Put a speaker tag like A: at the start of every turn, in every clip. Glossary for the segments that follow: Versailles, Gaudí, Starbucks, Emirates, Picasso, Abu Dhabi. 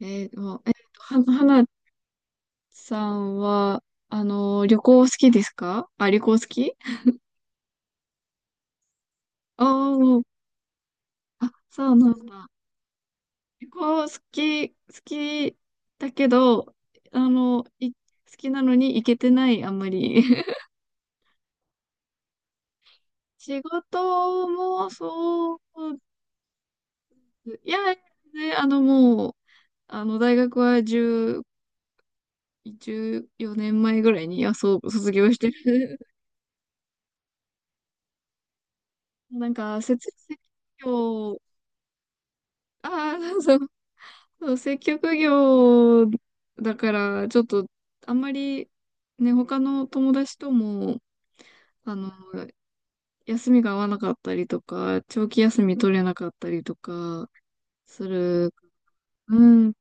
A: えー、もうえーと、は、はなさんは、旅行好きですか？あ、旅行好き。おー。あ、そうなんだ。旅行、好きだけど、好きなのに行けてない、あんまり。仕事もそう。いや、ね、あの、もう、あの、大学は10、14年前ぐらいに、あ、そう、卒業してる。なんか、設立業、ああ、そうそう、接客業だから、ちょっと、あんまり、ね、他の友達とも、あの、休みが合わなかったりとか、長期休み取れなかったりとか、する。うん。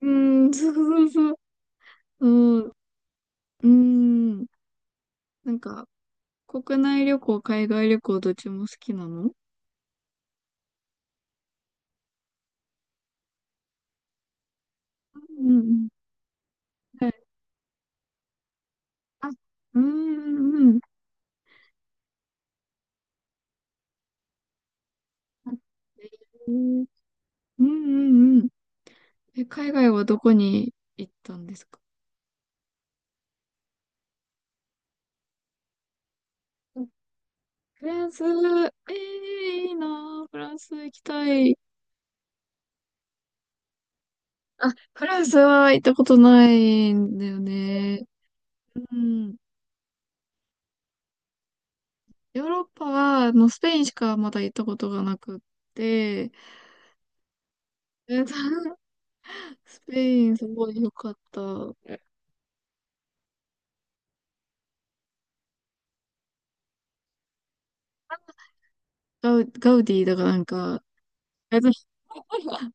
A: うん、そうそうそう。うん。うん。なんか、国内旅行、海外旅行、どっちも好きなの？うんうん。はい。あ、うんうんうん。えー、うんうんうん。え、海外はどこに行ったんですか？フランス、えー、いいなー、フランス行きたい。あ、フランスは行ったことないんだよね。うん。ヨーロッパは、あの、スペインしかまだ行ったことがなくって、えっと スペインすごい良かった。ガウディだからなんか、えっと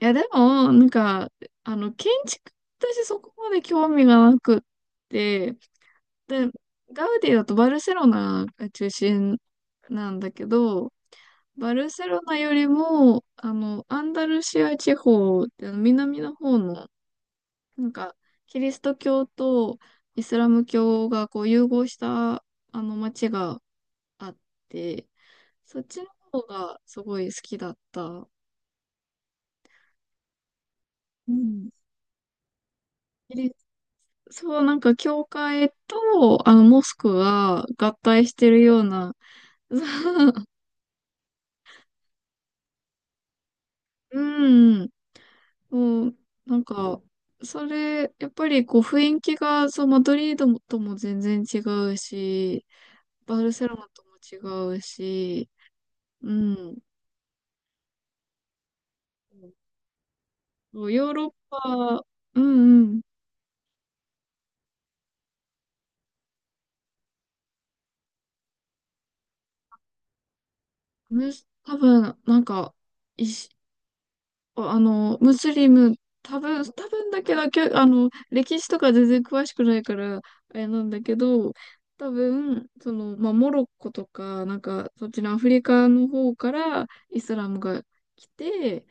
A: いや、でも、なんか、建築、私そこまで興味がなくって、で、ガウディだとバルセロナが中心なんだけど、バルセロナよりも、あの、アンダルシア地方って南の方の、なんか、キリスト教とイスラム教がこう融合した、あの、街があって、そっちの方がすごい好きだった。うん。キリそう、なんか、教会と、あの、モスクが合体してるような、うん、そう、なんか、それ、やっぱりこう雰囲気が、そう、マドリードもとも全然違うし、バルセロナとも違うし、うん。そう、ヨーロッパ、うんうん。む多分、なんか、一あの、ムスリム、多分だけど、あの、歴史とか全然詳しくないから、あれなんだけど、多分、その、まあ、モロッコとか、なんか、そっちのアフリカの方からイスラムが来て、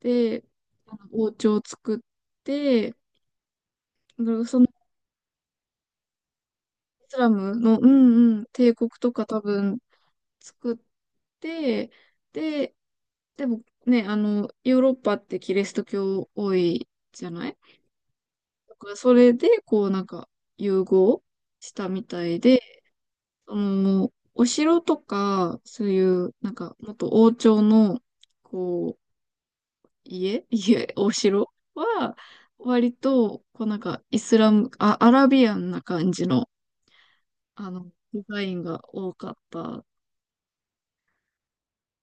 A: で、あの王朝を作って、うん、そのイスラムの、うんうん、帝国とか多分作って、で、でもね、あの、ヨーロッパってキリスト教多いじゃない？だからそれで、こうなんか融合したみたいで、そのもうお城とか、そういうなんかもっと王朝の、こう、家、家、お城は、割と、こうなんかイスラム、あ、アラビアンな感じの、あの、デザインが多かった。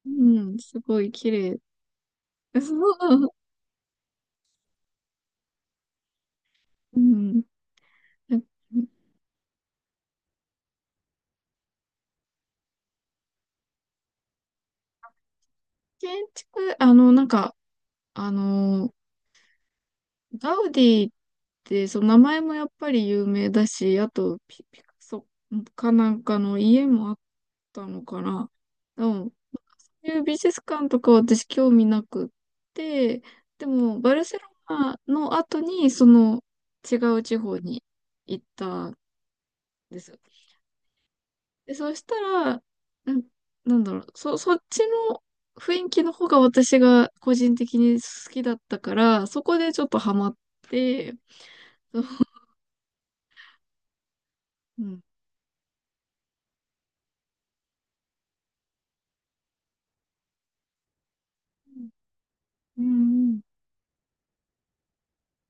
A: うん、すごい綺麗。うん。建築、あの、なんか、あの、ガウディって、その名前もやっぱり有名だし、あとピカソかなんかの家もあったのかな。でも、こういう美術館とかは私興味なくって、でも、バルセロナの後に、その違う地方に行ったんですよ。で、そしたら、なん、なんだろう、そっちの雰囲気の方が私が個人的に好きだったから、そこでちょっとハマって、うんうん。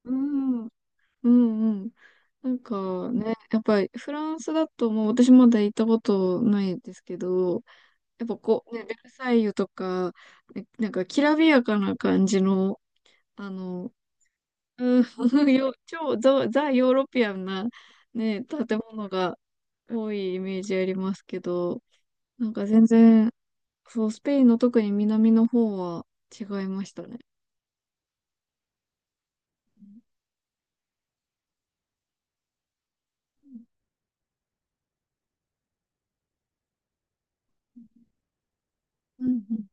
A: うんうんうん。なんかね、やっぱりフランスだともう私まだ行ったことないですけど、やっぱこう、ね、ベルサイユとか、ね、なんかきらびやかな感じの、あの、うん、超ザ・ヨーロピアンな、ね、建物が多いイメージありますけど、なんか全然、そう、スペインの特に南の方は違いましたね。うんうん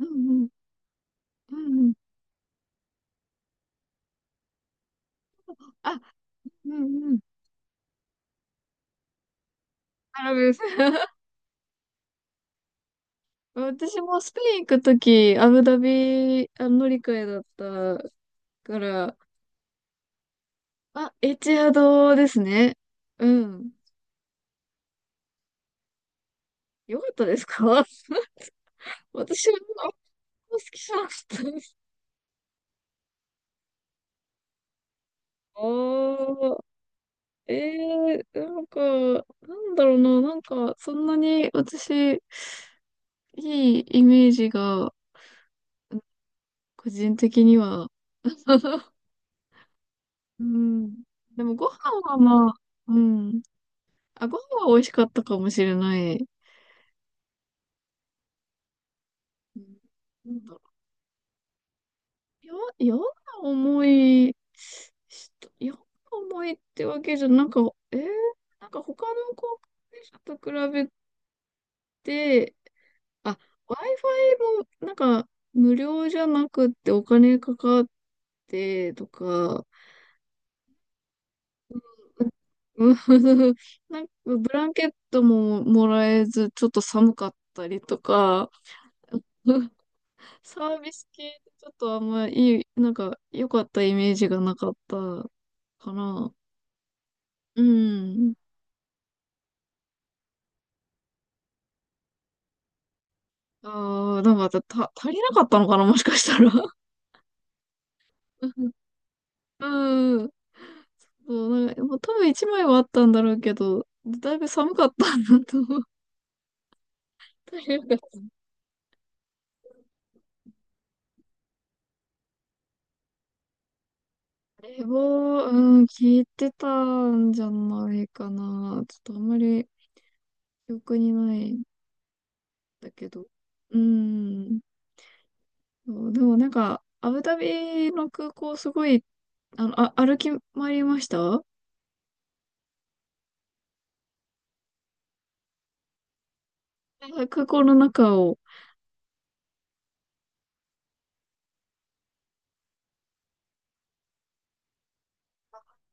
A: うんうんうんうんうんうん。あ、うんうん。アラブです。私もスペイン行くとき、アブダビ、あ、乗り換えだったから、あ、エチアドですね。うん。よかったですか？ 私はあんま好きじゃなかったです。ああ、ええー、なんか、なんだろうな、なんか、そんなに私、いいイメージが、個人的には。うん。でもご飯はまあ、うん。あ、ご飯は美味しかったかもしれない。うん。なんだろう。嫌な思いし嫌な思いってわけじゃ、なんか、えー、なんか他の航空会社と比べて、あ、Wi-Fi もなんか無料じゃなくってお金かかってとか、うん なんかブランケットももらえず、ちょっと寒かったりとか、サービス系ってちょっとあんまいい、なんか良かったイメージがなかったかな。うん。ああ、なんか足りなかったのかな、もしかしたら。うん。そう、なんか、もう多分一枚はあったんだろうけど、だいぶ寒かったんだと思う。足りなかった。冷房、うん、効いてたんじゃないかな。ちょっとあんまり記憶にないんだけど。うん。そうでもなんか、アブダビの空港すごい、あの、あ、歩き回りましたあ。空港の中を。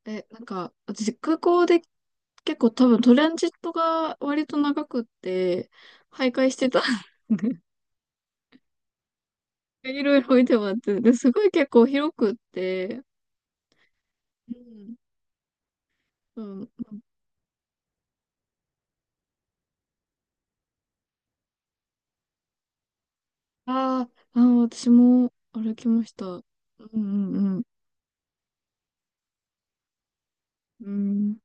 A: え、なんか、私空港で結構多分トランジットが割と長くって、徘徊してた。いろいろいてもらって、で、すごい結構広くって、うん。うん、あーあー、私も歩きました。うんうんうん。うん。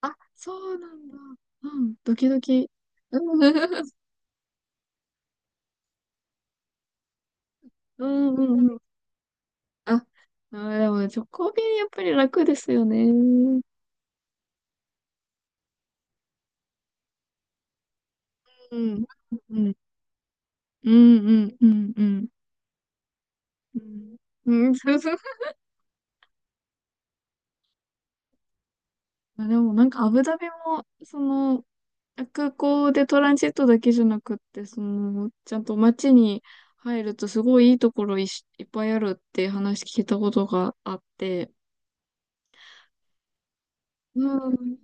A: あ、そうなんだ。うん、ドキドキ。うん。 うんうんうん。あ、あー、でもね、直行便やっぱり楽ですよね。うん。うん。うん。うん。うん。うん。うん。そうそう。まあでもなんかアブダビも、その、空港でトランジットだけじゃなくって、その、ちゃんと街に入るとすごいいいところいし、いっぱいあるって話聞いたことがあって、うん。い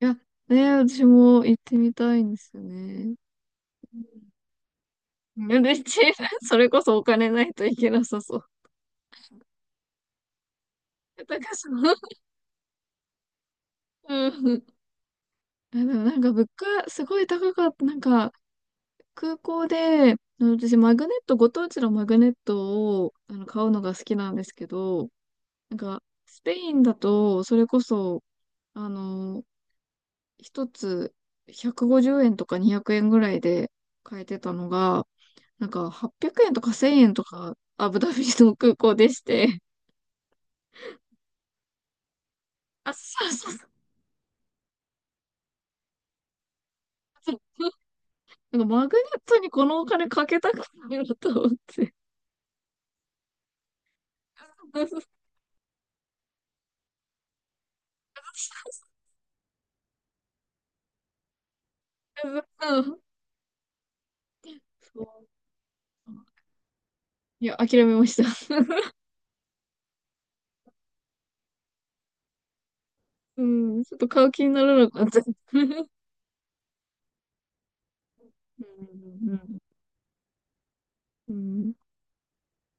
A: や、ね、私も行ってみたいんですよね。うん。で、それこそお金ないといけなさそう。高そう。うん。あでもなんか物価すごい高かった。なんか空港で、あの私、マグネット、ご当地のマグネットをあの買うのが好きなんですけど、なんか、スペインだと、それこそ、あの、一つ150円とか200円ぐらいで買えてたのが、なんか800円とか1000円とか、アブダビの空港でして、あ、そうそうそう。なんかマグネットにこのお金かけたくないなと思って。そう。いや、諦めました。うん、ちょっと買う気にならなかった。うんうんうん、うん。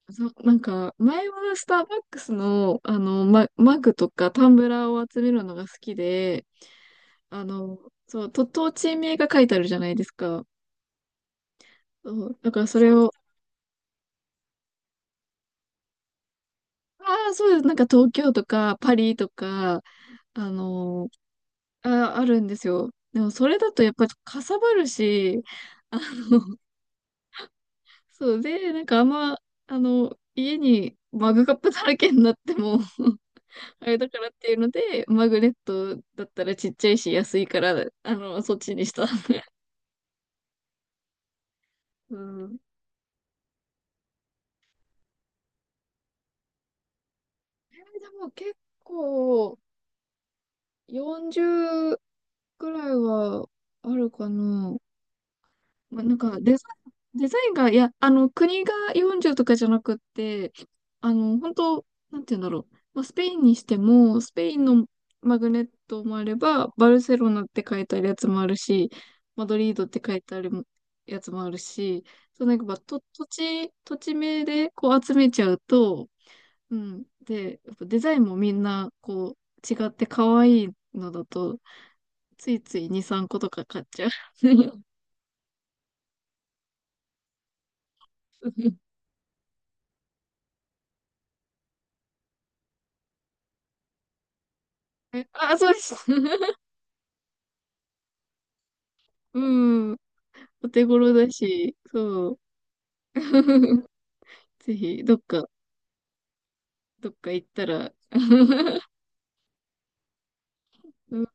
A: そう、なんか、前はスターバックスの、あの、マグとかタンブラーを集めるのが好きで、あの、そう、と地名が書いてあるじゃないですか。そう、だからそれを、ああ、そうです。なんか東京とかパリとか、あの、あ、あるんですよ。でもそれだとやっぱりかさばるし、あの、そうで、なんかあんま、あの、家にマグカップだらけになっても あれだからっていうので、マグネットだったらちっちゃいし安いから、あの、そっちにした。うん。えーでも結構40くらいはあるかな。まあ、なんかデザインが、いや、あの、国が40とかじゃなくって、あの、本当なんて言うんだろう。まあ、スペインにしても、スペインのマグネットもあれば、バルセロナって書いてあるやつもあるし、マドリードって書いてあるやつもあるし、そう、なんかまあ、土地名でこう集めちゃうと、うん。で、やっぱデザインもみんな、こう、違って可愛いのだと、ついつい2、3個とか買っちゃう。えあ、そうです。うん。お手頃だし、そう。ぜひ、どっか、どっか行ったら、うん。